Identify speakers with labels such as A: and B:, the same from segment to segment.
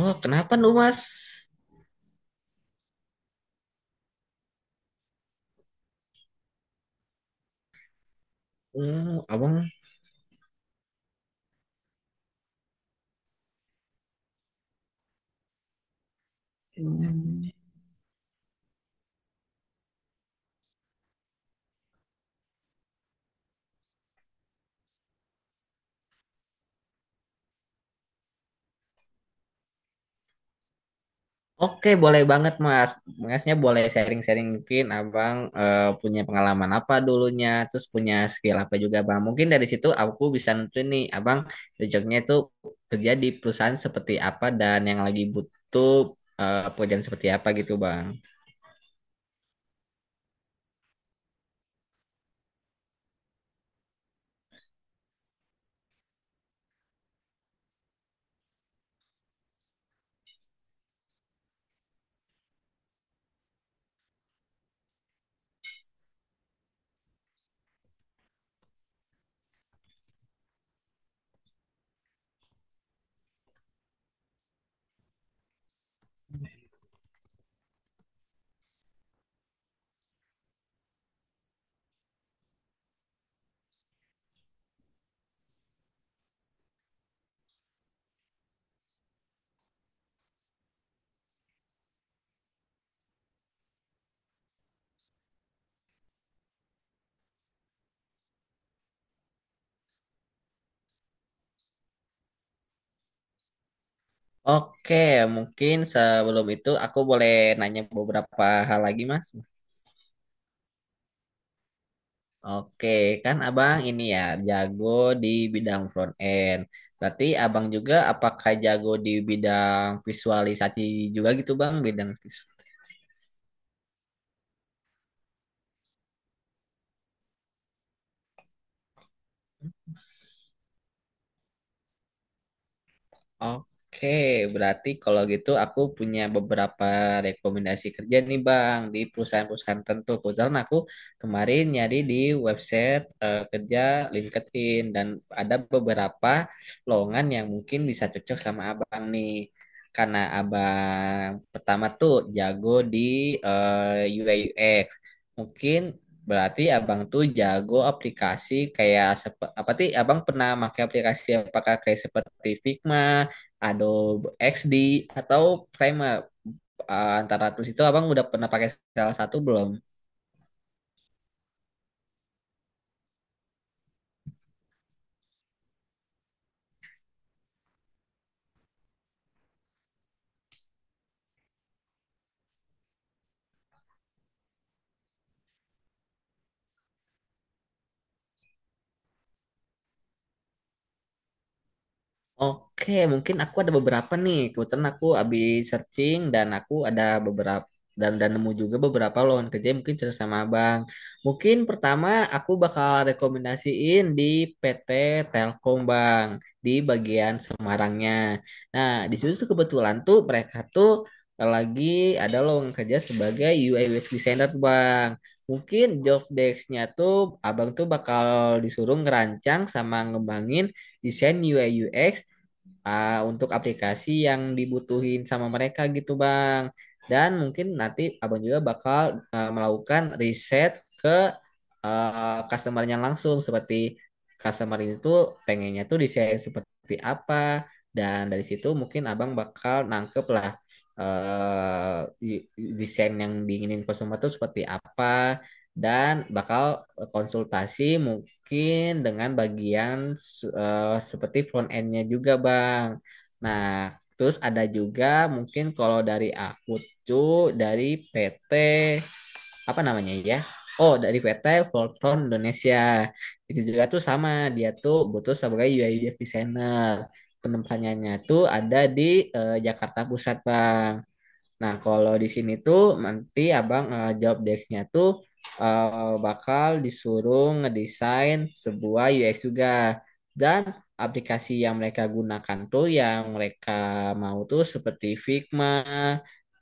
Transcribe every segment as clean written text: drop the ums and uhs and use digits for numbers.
A: Oh, kenapa lu, Mas? Hmm, abang. Oke, boleh banget, Mas. Masnya boleh sharing-sharing mungkin abang punya pengalaman apa dulunya, terus punya skill apa juga, Bang. Mungkin dari situ aku bisa nentuin nih, abang cocoknya itu kerja di perusahaan seperti apa dan yang lagi butuh pekerjaan seperti apa gitu, Bang. Oke, mungkin sebelum itu aku boleh nanya beberapa hal lagi, Mas. Oke, kan abang ini ya jago di bidang front end. Berarti abang juga apakah jago di bidang visualisasi juga gitu bang? Oke, berarti kalau gitu aku punya beberapa rekomendasi kerja nih Bang di perusahaan-perusahaan tertentu. Kebetulan aku kemarin nyari di website kerja LinkedIn dan ada beberapa lowongan yang mungkin bisa cocok sama Abang nih. Karena Abang pertama tuh jago di UI UX. Mungkin berarti Abang tuh jago aplikasi kayak apa sih? Abang pernah pakai aplikasi apakah kayak seperti Figma, Adobe XD, atau Premiere? Antara tools itu Abang udah pernah pakai salah satu belum? Oke, mungkin aku ada beberapa nih. Kebetulan aku habis searching dan aku ada beberapa dan nemu juga beberapa lowongan kerja yang mungkin cerita sama Abang. Mungkin pertama aku bakal rekomendasiin di PT Telkom Bang di bagian Semarangnya. Nah, di situ tuh kebetulan tuh mereka tuh lagi ada lowongan kerja sebagai UI UX designer tuh, Bang. Mungkin job desk-nya tuh Abang tuh bakal disuruh ngerancang sama ngembangin desain UI UX untuk aplikasi yang dibutuhin sama mereka gitu Bang. Dan mungkin nanti Abang juga bakal melakukan riset ke customernya langsung, seperti customer itu pengennya tuh desain seperti apa. Dan dari situ mungkin Abang bakal nangkep lah eh, di- desain yang diinginin customer tuh seperti apa dan bakal konsultasi mungkin dengan bagian seperti front end-nya juga, Bang. Nah, terus ada juga mungkin kalau dari aku tuh dari PT apa namanya ya? Oh, dari PT Voltron Indonesia. Itu juga tuh sama, dia tuh butuh sebagai UI UX designer. Penempatannya tuh ada di Jakarta Pusat, Bang. Nah, kalau di sini tuh nanti Abang job desk-nya tuh bakal disuruh ngedesain sebuah UX juga. Dan aplikasi yang mereka gunakan tuh yang mereka mau tuh seperti Figma,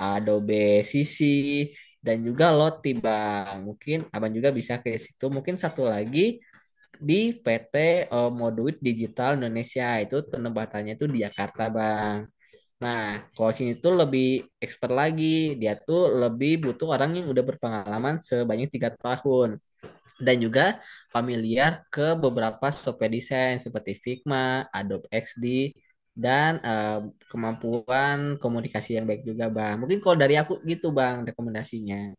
A: Adobe CC, dan juga Lottie, Bang. Mungkin Abang juga bisa ke situ. Mungkin satu lagi di PT Moduit Digital Indonesia, itu penempatannya tuh di Jakarta, Bang. Nah, coaching itu lebih expert lagi. Dia tuh lebih butuh orang yang udah berpengalaman sebanyak 3 tahun dan juga familiar ke beberapa software desain seperti Figma, Adobe XD, dan kemampuan komunikasi yang baik juga, Bang. Mungkin kalau dari aku gitu, Bang, rekomendasinya.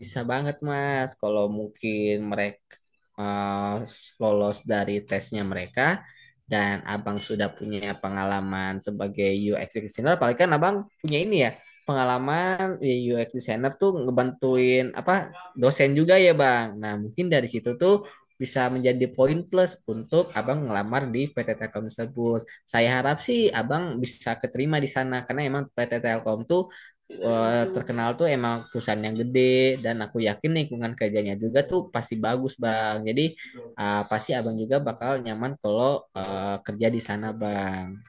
A: Bisa banget Mas, kalau mungkin mereka lolos dari tesnya mereka dan Abang sudah punya pengalaman sebagai UX designer, apalagi kan Abang punya ini ya, pengalaman ya, UX designer tuh ngebantuin apa dosen juga ya Bang. Nah, mungkin dari situ tuh bisa menjadi poin plus untuk Abang ngelamar di PT Telkom tersebut. Saya harap sih Abang bisa keterima di sana karena emang PT Telkom tuh terkenal tuh emang perusahaan yang gede, dan aku yakin lingkungan kerjanya juga tuh pasti bagus bang. Jadi pasti abang juga bakal nyaman kalau kerja di sana bang.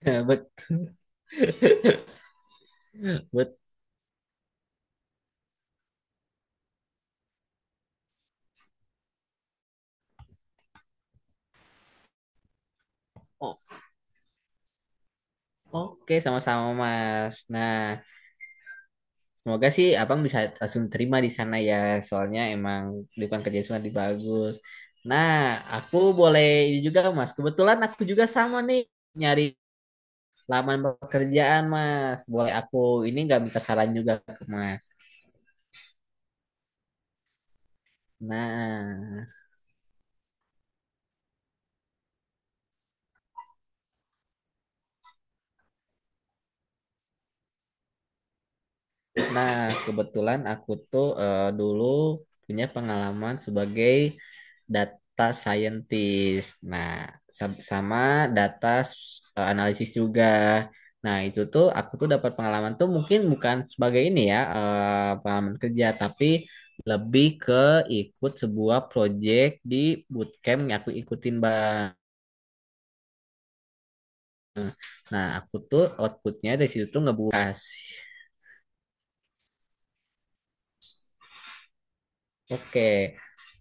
A: bet bet O- oke, sama-sama mas. Nah, semoga sih abang bisa langsung terima di sana ya, soalnya emang lingkungan kerja sana bagus. Nah, aku boleh ini juga mas, kebetulan aku juga sama nih, nyari laman pekerjaan mas. Boleh aku ini nggak minta saran juga ke mas? Nah, nah, kebetulan aku tuh dulu punya pengalaman sebagai data scientist. Nah, sama analisis juga. Nah, itu tuh aku tuh dapat pengalaman tuh mungkin bukan sebagai ini ya, pengalaman kerja, tapi lebih ke ikut sebuah project di bootcamp yang aku ikutin, Bang. Nah, aku tuh outputnya dari situ tuh ngebuat oke,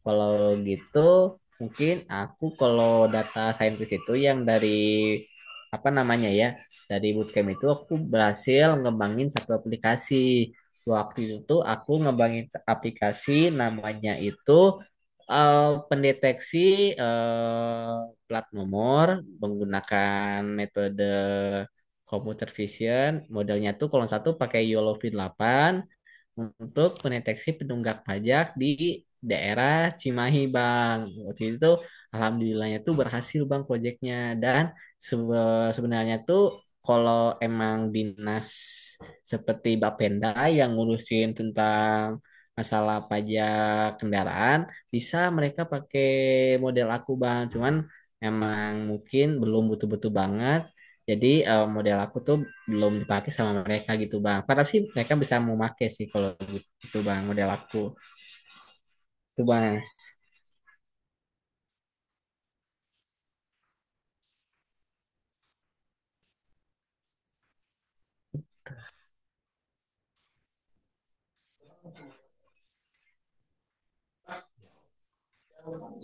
A: kalau gitu mungkin aku kalau data scientist itu yang dari apa namanya ya, dari bootcamp itu aku berhasil ngembangin satu aplikasi. Waktu itu aku ngembangin aplikasi namanya itu pendeteksi eh, plat nomor menggunakan metode computer vision. Modelnya tuh kalau satu pakai yolovin delapan untuk mendeteksi penunggak pajak di daerah Cimahi, Bang. Waktu itu alhamdulillahnya tuh berhasil, Bang, proyeknya. Dan sebenarnya tuh kalau emang dinas seperti Bapenda yang ngurusin tentang masalah pajak kendaraan, bisa mereka pakai model aku, Bang. Cuman emang mungkin belum butuh-butuh banget. Jadi model aku tuh belum dipakai sama mereka gitu bang. Padahal sih mereka bisa mau pakai sih kalau gitu bang model aku. Itu mas,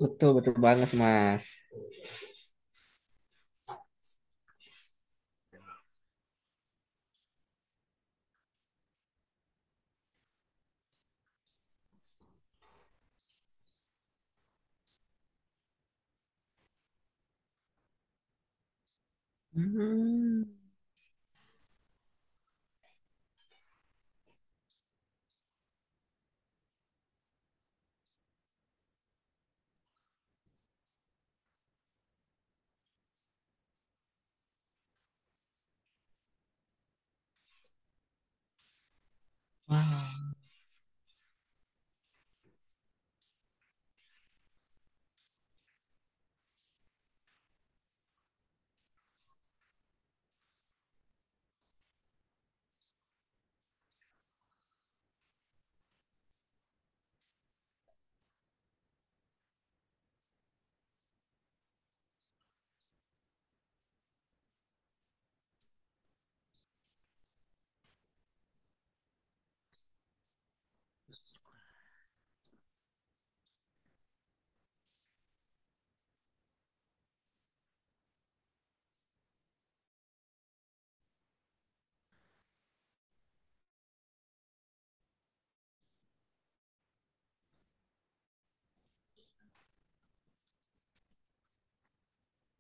A: betul betul banget sih, mas. Hmm. Wah,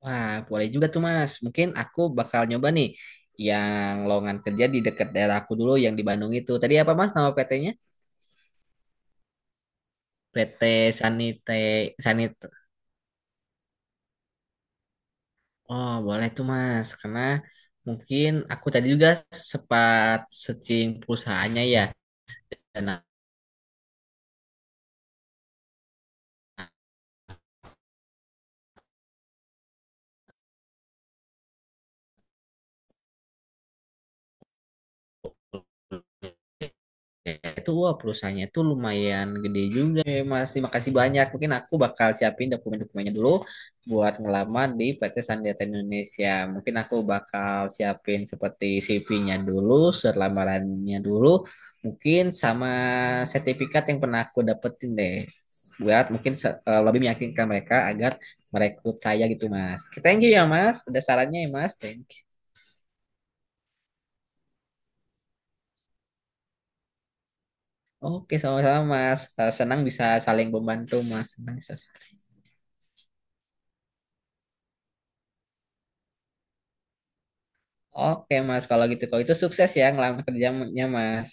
A: wah, boleh juga tuh mas. Mungkin aku bakal nyoba nih yang lowongan kerja di dekat daerah aku dulu yang di Bandung itu. Tadi apa mas nama PT-nya? PT Sanite Sanit. Oh boleh tuh mas, karena mungkin aku tadi juga sempat searching perusahaannya ya dan ya, itu wah perusahaannya itu lumayan gede juga ya Mas. Terima kasih banyak. Mungkin aku bakal siapin dokumen-dokumennya dulu buat ngelamar di PT Sandiata Indonesia. Mungkin aku bakal siapin seperti CV-nya dulu, surat lamarannya dulu, mungkin sama sertifikat yang pernah aku dapetin deh. Buat mungkin lebih meyakinkan mereka agar merekrut saya gitu Mas. Oke, thank you ya Mas, ada sarannya ya Mas. Thank you. Oke, sama-sama Mas. Senang bisa saling membantu Mas. Senang bisa Oke Mas, kalau gitu. Kalau itu sukses ya ngelamar kerjanya Mas.